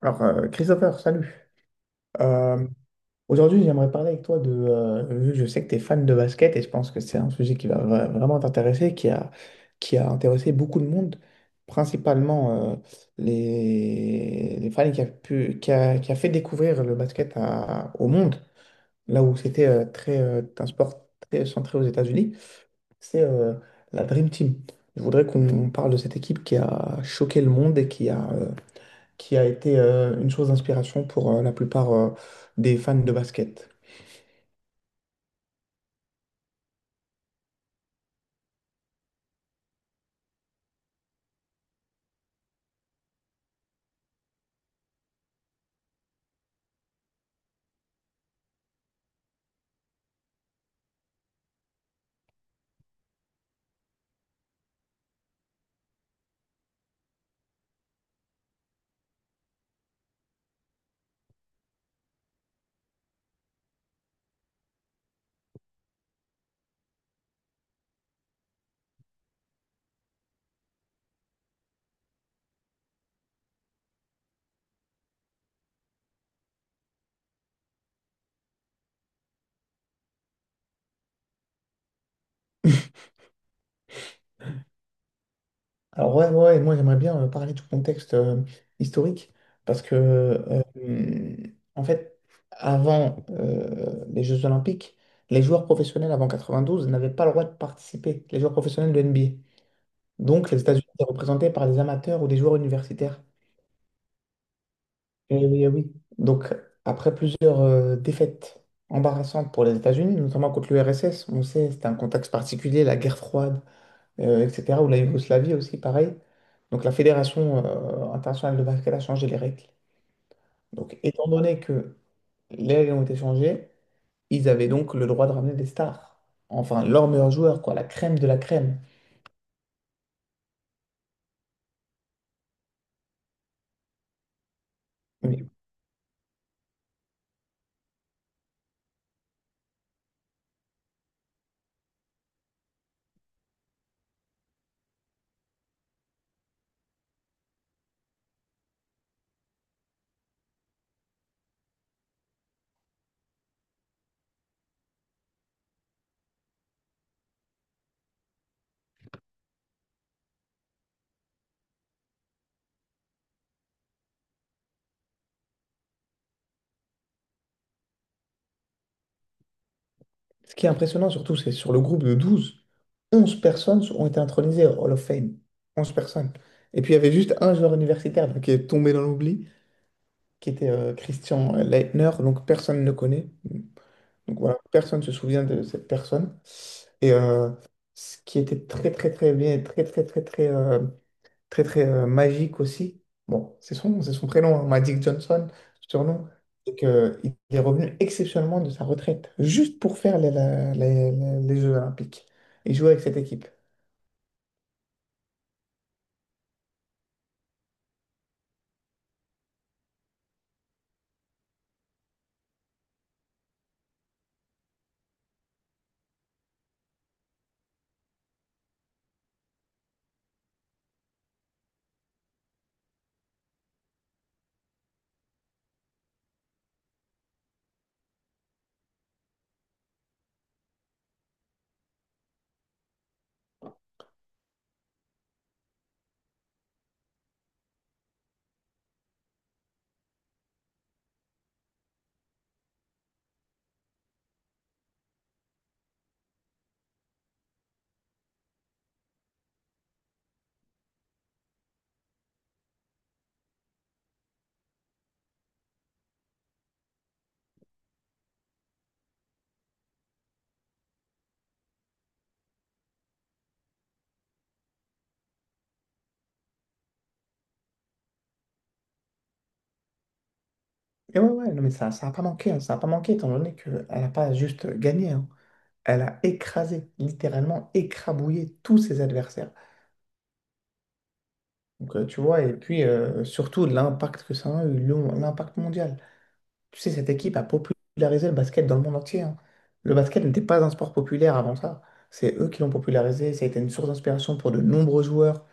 Alors, Christopher, salut. Euh, Aujourd'hui, j'aimerais parler avec toi de... vu que je sais que tu es fan de basket et je pense que c'est un sujet qui va vraiment t'intéresser, qui a intéressé beaucoup de monde, principalement les fans et qui a pu, qui a fait découvrir le basket au monde, là où c'était très, un sport très centré aux États-Unis, c'est la Dream Team. Je voudrais qu'on parle de cette équipe qui a choqué le monde et qui a été une chose d'inspiration pour la plupart des fans de basket. Alors, ouais, ouais, ouais, moi j'aimerais bien parler du contexte historique, parce que en fait, avant les Jeux Olympiques, les joueurs professionnels avant 92 n'avaient pas le droit de participer, les joueurs professionnels de NBA. Donc les États-Unis étaient représentés par des amateurs ou des joueurs universitaires. Eh oui, eh oui. Donc, après plusieurs défaites embarrassantes pour les États-Unis, notamment contre l'URSS, on sait, c'était un contexte particulier, la guerre froide, etc., ou la Yougoslavie aussi, pareil. Donc, la Fédération internationale de basket a changé les règles. Donc, étant donné que les règles ont été changées, ils avaient donc le droit de ramener des stars. Enfin, leurs meilleurs joueurs, quoi, la crème de la crème. Mais Ce qui est impressionnant surtout, c'est sur le groupe de 12, 11 personnes ont été intronisées au Hall of Fame. 11 personnes. Et puis il y avait juste un joueur universitaire donc, qui est tombé dans l'oubli, qui était Christian Leitner, donc personne ne connaît. Donc voilà, personne ne se souvient de cette personne. Et euh, Ce qui était très très très bien, très très très très, très très magique aussi. Bon, c'est son prénom, hein, Magic Johnson, surnom. Et que, il est revenu exceptionnellement de sa retraite, juste pour faire les, la- les Jeux Olympiques et jouer avec cette équipe. Et ouais, ouais, non, mais ça n'a pas manqué, hein, ça n'a pas manqué, étant donné qu'elle n'a pas juste gagné, hein. Elle a écrasé, littéralement écrabouillé tous ses adversaires. Donc, tu vois, et puis surtout l'impact que ça a eu, l'impact mondial. Tu sais, cette équipe a popularisé le basket dans le monde entier, hein. Le basket n'était pas un sport populaire avant ça. C'est eux qui l'ont popularisé. Ça a été une source d'inspiration pour de nombreux joueurs.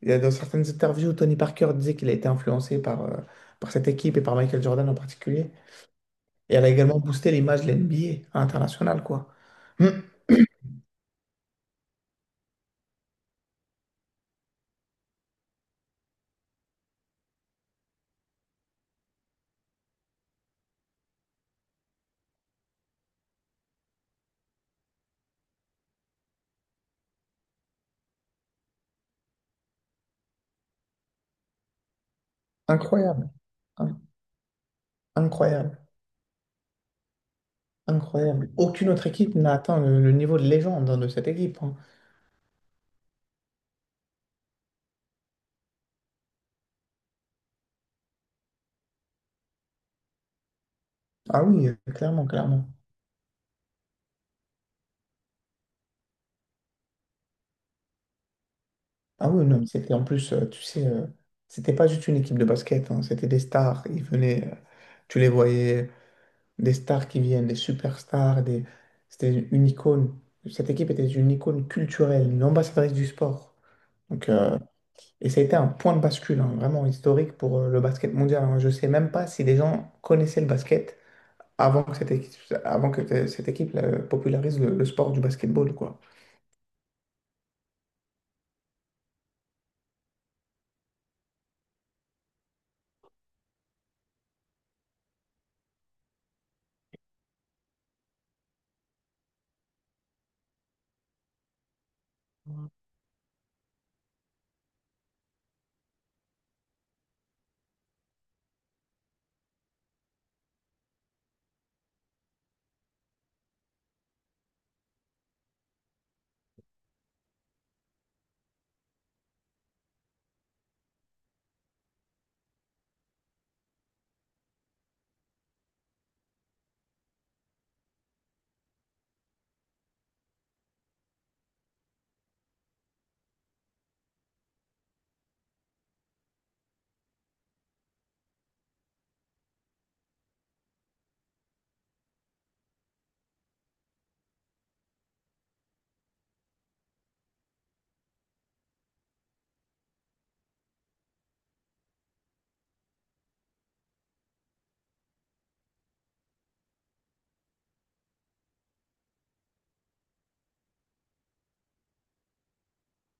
Dans certaines interviews, Tony Parker disait qu'il a été influencé par cette équipe et par Michael Jordan en particulier. Et elle a également boosté l'image de l'NBA à l'international, quoi. Hmm. Incroyable. In- Incroyable. Incroyable. Aucune autre équipe n'a atteint le niveau de légende, hein, de cette équipe, hein. Ah oui, clairement, clairement. Ah oui, non, mais c'était en plus, tu sais, c'était pas juste une équipe de basket, hein, c'était des stars. Ils venaient, tu les voyais, des stars qui viennent, des superstars, des... c'était une icône. Cette équipe était une icône culturelle, une ambassadrice du sport. Donc, et ça a été un point de bascule, hein, vraiment historique pour le basket mondial, hein. Je sais même pas si les gens connaissaient le basket avant que cette équipe, avant que cette équipe popularise le sport du basketball, quoi.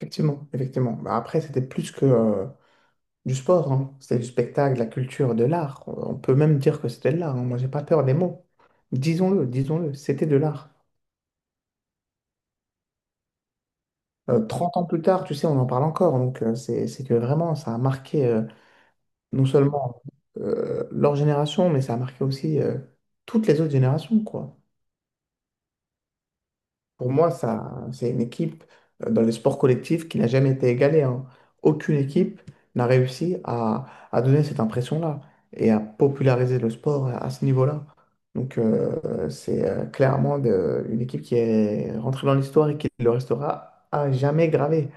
Effectivement, effectivement. Bah, après, c'était plus que du sport, hein. C'est du spectacle, de la culture, de l'art. On peut même dire que c'était de l'art, hein. Moi, j'ai pas peur des mots. Disons-le, disons-le, c'était de l'art. 30 ans plus tard, tu sais, on en parle encore. Donc, c'est que vraiment, ça a marqué non seulement leur génération, mais ça a marqué aussi toutes les autres générations, quoi. Pour moi, ça, c'est une équipe dans les sports collectifs qui n'a jamais été égalée, hein. Aucune équipe n'a réussi à donner cette impression-là et à populariser le sport à ce niveau-là. Donc, c'est clairement une équipe qui est rentrée dans l'histoire et qui le restera à jamais gravée.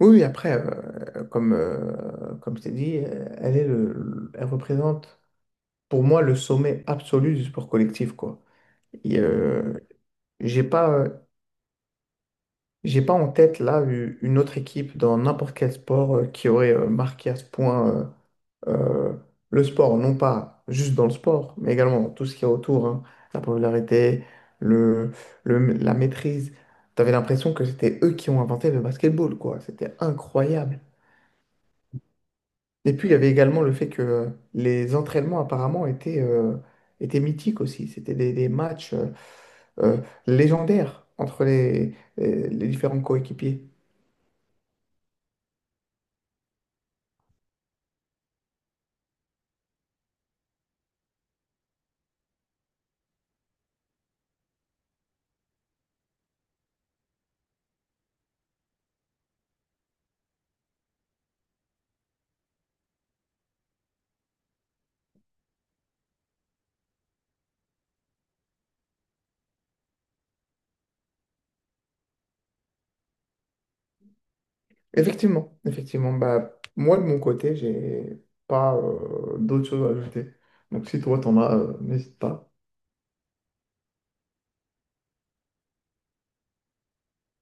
Oui, oui, après, comme je t'ai dit, elle représente pour moi le sommet absolu du sport collectif, quoi. Et, euh, j'ai pas, euh, J'ai pas en tête là une autre équipe dans n'importe quel sport qui aurait marqué à ce point euh, euh, le sport, non pas juste dans le sport, mais également dans tout ce qu'il y a autour, hein. La popularité, le, la maîtrise. T'avais l'impression que c'était eux qui ont inventé le basketball, quoi. C'était incroyable. Et puis il y avait également le fait que les entraînements apparemment étaient, étaient mythiques aussi. C'était des matchs euh, légendaires entre les différents coéquipiers. Effectivement, effectivement. Bah, moi, de mon côté, j'ai pas d'autres choses à ajouter. Donc, si toi, t'en as, n'hésite pas.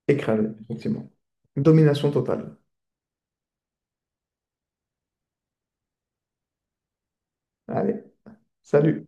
Écrasé, effectivement. Domination totale. Allez, salut!